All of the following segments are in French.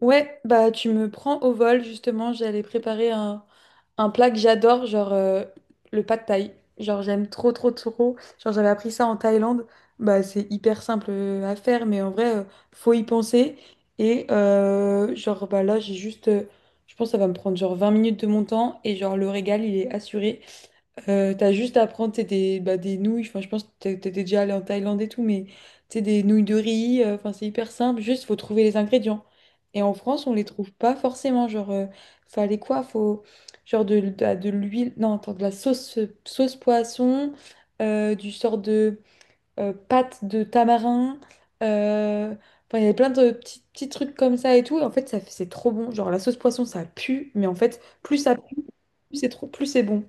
Ouais, bah tu me prends au vol justement, j'allais préparer un plat que j'adore, genre le pad thaï. Genre j'aime trop trop trop. Genre j'avais appris ça en Thaïlande. Bah c'est hyper simple à faire, mais en vrai, faut y penser. Et genre bah là j'ai juste, je pense que ça va me prendre genre 20 minutes de mon temps et genre le régal il est assuré. T'as juste à prendre t'sais, des, bah, des nouilles, enfin, je pense que t'étais déjà allé en Thaïlande et tout, mais t'sais, des nouilles de riz, enfin, c'est hyper simple, juste faut trouver les ingrédients. Et en France, on les trouve pas forcément, genre, fallait quoi? Faut, genre de l'huile, non, attends, de la sauce, sauce poisson, du sort de pâte de tamarin, euh, enfin, il y avait plein de petits, petits trucs comme ça et tout, et en fait, c'est trop bon, genre, la sauce poisson, ça pue, mais en fait, plus ça pue, plus c'est trop, plus c'est bon.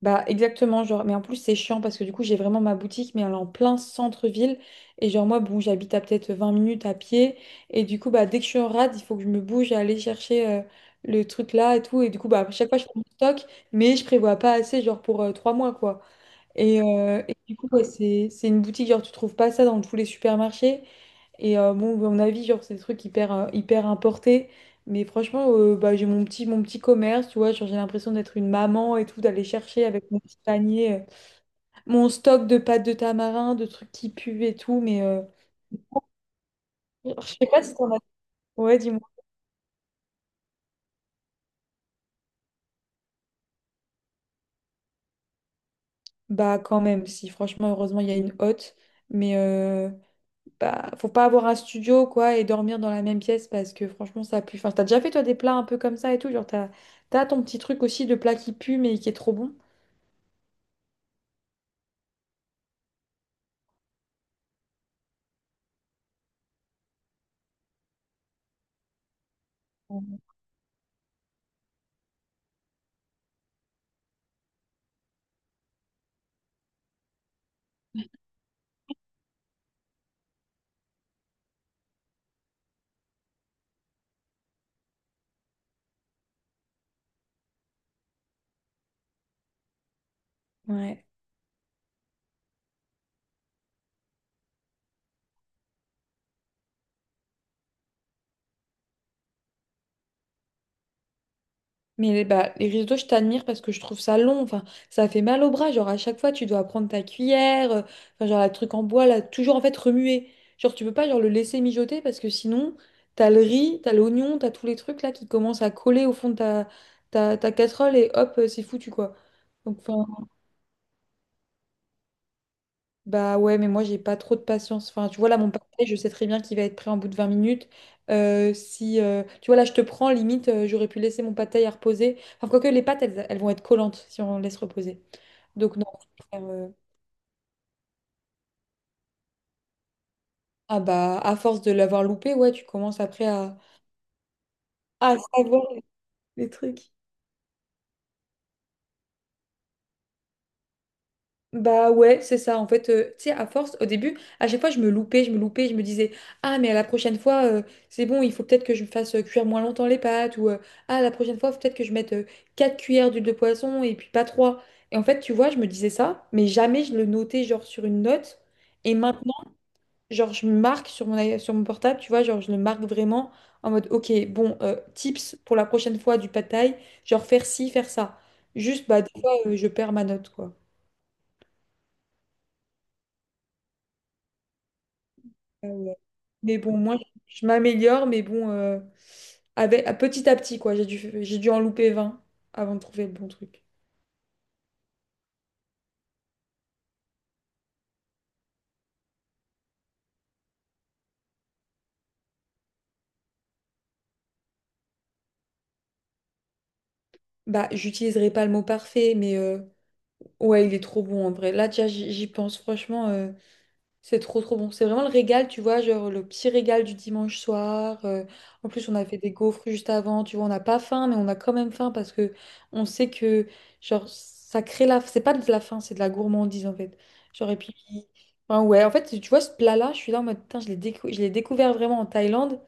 Bah exactement, genre, mais en plus c'est chiant parce que du coup j'ai vraiment ma boutique, mais elle est en plein centre-ville. Et genre moi, bon, j'habite à peut-être 20 minutes à pied. Et du coup, bah dès que je suis en rade, il faut que je me bouge à aller chercher le truc là et tout. Et du coup, bah à chaque fois je fais mon stock, mais je prévois pas assez, genre pour 3 mois, quoi. Et du coup, ouais, c'est une boutique, genre tu trouves pas ça dans tous les supermarchés. Et bon, à mon avis, genre, c'est des trucs hyper, hyper importés. Mais franchement, bah, j'ai mon petit commerce, tu vois. Genre, j'ai l'impression d'être une maman et tout, d'aller chercher avec mon petit panier, mon stock de pâtes de tamarin, de trucs qui puent et tout. Mais je sais pas si t'en as. Ouais, dis-moi. Bah, quand même, si. Franchement, heureusement, il y a une hotte. Mais bah, faut pas avoir un studio, quoi, et dormir dans la même pièce parce que franchement, ça pue. Enfin, t'as déjà fait, toi, des plats un peu comme ça et tout. Genre, t'as ton petit truc aussi de plat qui pue, mais qui est trop bon. Ouais. Mais les, bah, les risottos, je t'admire parce que je trouve ça long. Enfin, ça fait mal au bras. Genre, à chaque fois, tu dois prendre ta cuillère. Enfin, genre, le truc en bois, là, toujours en fait remuer. Genre, tu peux pas genre, le laisser mijoter parce que sinon, t'as le riz, t'as l'oignon, t'as tous les trucs là qui commencent à coller au fond de ta casserole et hop, c'est foutu quoi. Donc, enfin, bah ouais, mais moi j'ai pas trop de patience. Enfin, tu vois là mon parfait, je sais très bien qu'il va être prêt en bout de 20 minutes. Si tu vois là, je te prends limite, j'aurais pu laisser mon pad thaï à reposer. Enfin, quoique les pâtes, elles, elles vont être collantes si on laisse reposer. Donc non. euh, ah bah à force de l'avoir loupé, ouais, tu commences après à savoir les trucs. Bah ouais, c'est ça. En fait, tu sais, à force, au début, à chaque fois, je me loupais, je me disais, ah, mais à la prochaine fois, c'est bon, il faut peut-être que je fasse cuire moins longtemps les pâtes, ou ah, la prochaine fois, faut peut-être que je mette 4 cuillères d'huile de poisson et puis pas 3. Et en fait, tu vois, je me disais ça, mais jamais je le notais, genre, sur une note. Et maintenant, genre, je marque sur sur mon portable, tu vois, genre, je le marque vraiment en mode, ok, bon, tips pour la prochaine fois du pad thaï, genre, faire ci, faire ça. Juste, bah, des fois, je perds ma note, quoi. Ah ouais. Mais bon, moi, je m'améliore, mais bon, avec, petit à petit, quoi. J'ai dû en louper 20 avant de trouver le bon truc. Bah, j'utiliserai pas le mot parfait, mais ouais, il est trop bon en vrai. Là, déjà, j'y pense, franchement. C'est trop trop bon. C'est vraiment le régal, tu vois, genre le petit régal du dimanche soir. En plus, on a fait des gaufres juste avant, tu vois, on n'a pas faim, mais on a quand même faim parce que on sait que genre ça crée la c'est pas de la faim, c'est de la gourmandise en fait. Genre et puis enfin, ouais, en fait, tu vois ce plat-là, je suis là en mode putain, je l'ai découvert vraiment en Thaïlande,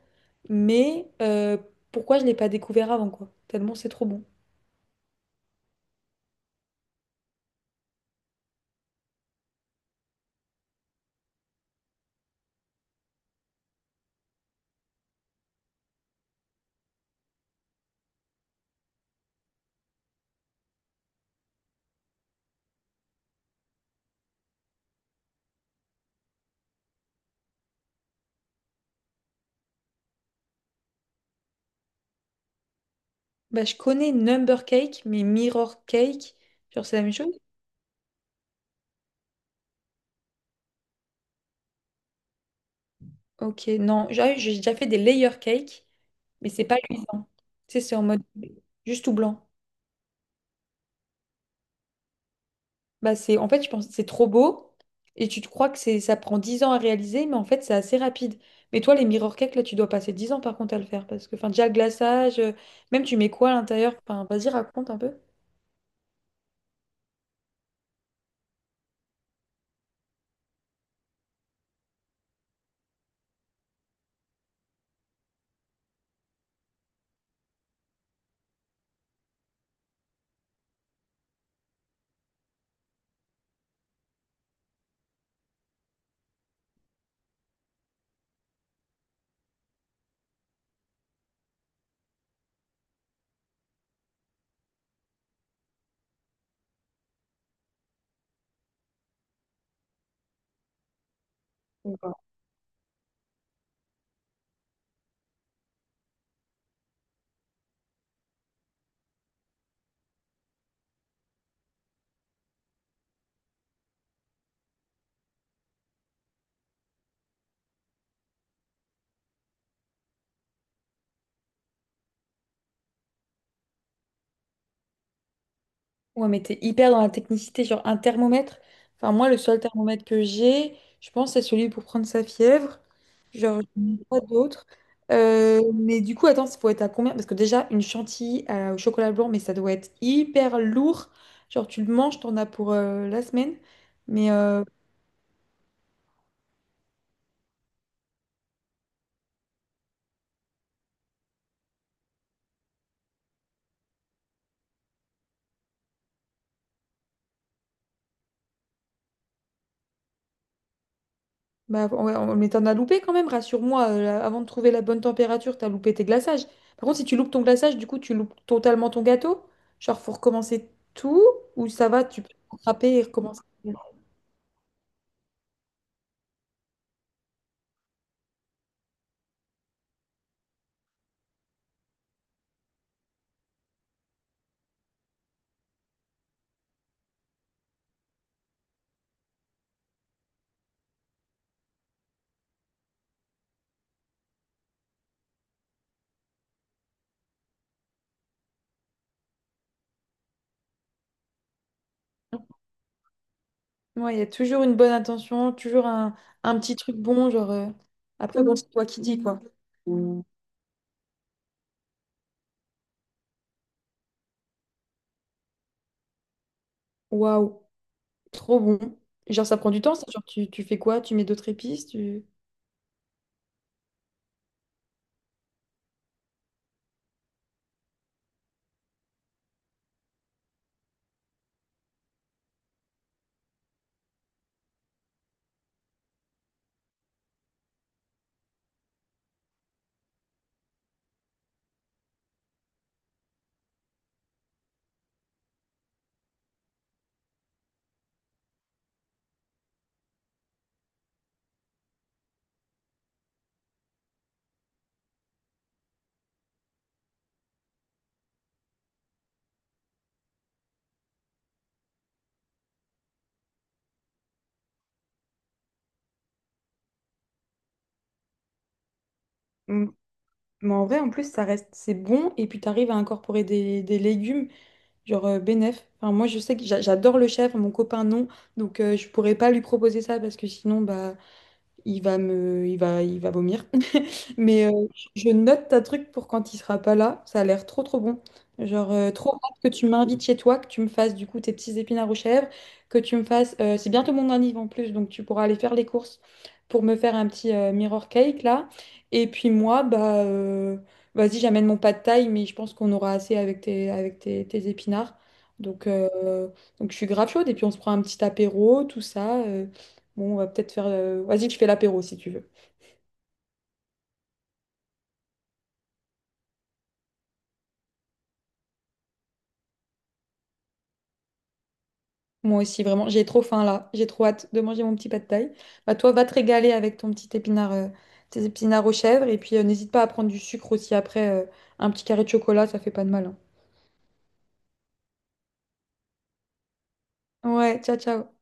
mais pourquoi je l'ai pas découvert avant quoi? Tellement c'est trop bon. Bah, je connais Number Cake, mais Mirror Cake, genre c'est la même chose? Ok, non, j'ai déjà fait des layer cake. Mais c'est pas luisant. Tu sais, c'est en mode juste tout blanc. Bah, c'est, en fait, je pense que c'est trop beau et tu te crois que c'est, ça prend 10 ans à réaliser, mais en fait, c'est assez rapide. Mais toi, les mirror cakes, là, tu dois passer 10 ans par contre à le faire parce que, enfin, déjà, le glaçage, même tu mets quoi à l'intérieur? Enfin, vas-y, raconte un peu. Ouais, mais t'es hyper dans la technicité, genre un thermomètre. Enfin, moi, le seul thermomètre que j'ai, je pense, c'est celui pour prendre sa fièvre. Genre, je n'ai pas d'autre. Mais du coup, attends, ça faut être à combien? Parce que déjà, une chantilly au chocolat blanc, mais ça doit être hyper lourd. Genre, tu le manges, t'en as pour la semaine. Mais bah, ouais, on- mais t'en as loupé quand même, rassure-moi. Là, avant de trouver la bonne température, t'as loupé tes glaçages. Par contre, si tu loupes ton glaçage, du coup, tu loupes totalement ton gâteau. Genre, faut recommencer tout ou ça va, tu peux rattraper et recommencer. Ouais, il y a toujours une bonne intention, toujours un petit truc bon, genre. Après, bon, c'est toi qui dis, quoi. Waouh, trop bon. Genre, ça prend du temps, ça. Genre, tu fais quoi? Tu mets d'autres épices, tu... Mm. Mais en vrai, en plus, ça reste, c'est bon. Et puis, tu arrives à incorporer des légumes. Genre Bénef. Enfin, moi, je sais que j'adore le chef, mon copain non. Donc, je pourrais pas lui proposer ça parce que sinon, bah, il va me, il va vomir. Mais je note ta truc pour quand il sera pas là. Ça a l'air trop trop bon. Genre trop hâte que tu m'invites chez toi, que tu me fasses du coup tes petits épinards aux chèvres, que tu me fasses. C'est bientôt mon anniv en plus, donc tu pourras aller faire les courses pour me faire un petit mirror cake là. Et puis moi, bah vas-y, j'amène mon pas de taille, mais je pense qu'on aura assez avec tes épinards. Donc euh, donc je suis grave chaude et puis on se prend un petit apéro, tout ça. Bon, on va peut-être faire. Vas-y, je fais l'apéro si tu veux. Moi aussi, vraiment, j'ai trop faim là. J'ai trop hâte de manger mon petit pad thaï. Bah, toi, va te régaler avec ton petit épinard, tes épinards aux chèvres. Et puis, n'hésite pas à prendre du sucre aussi après. Un petit carré de chocolat, ça fait pas de mal, hein. Ouais, ciao, ciao.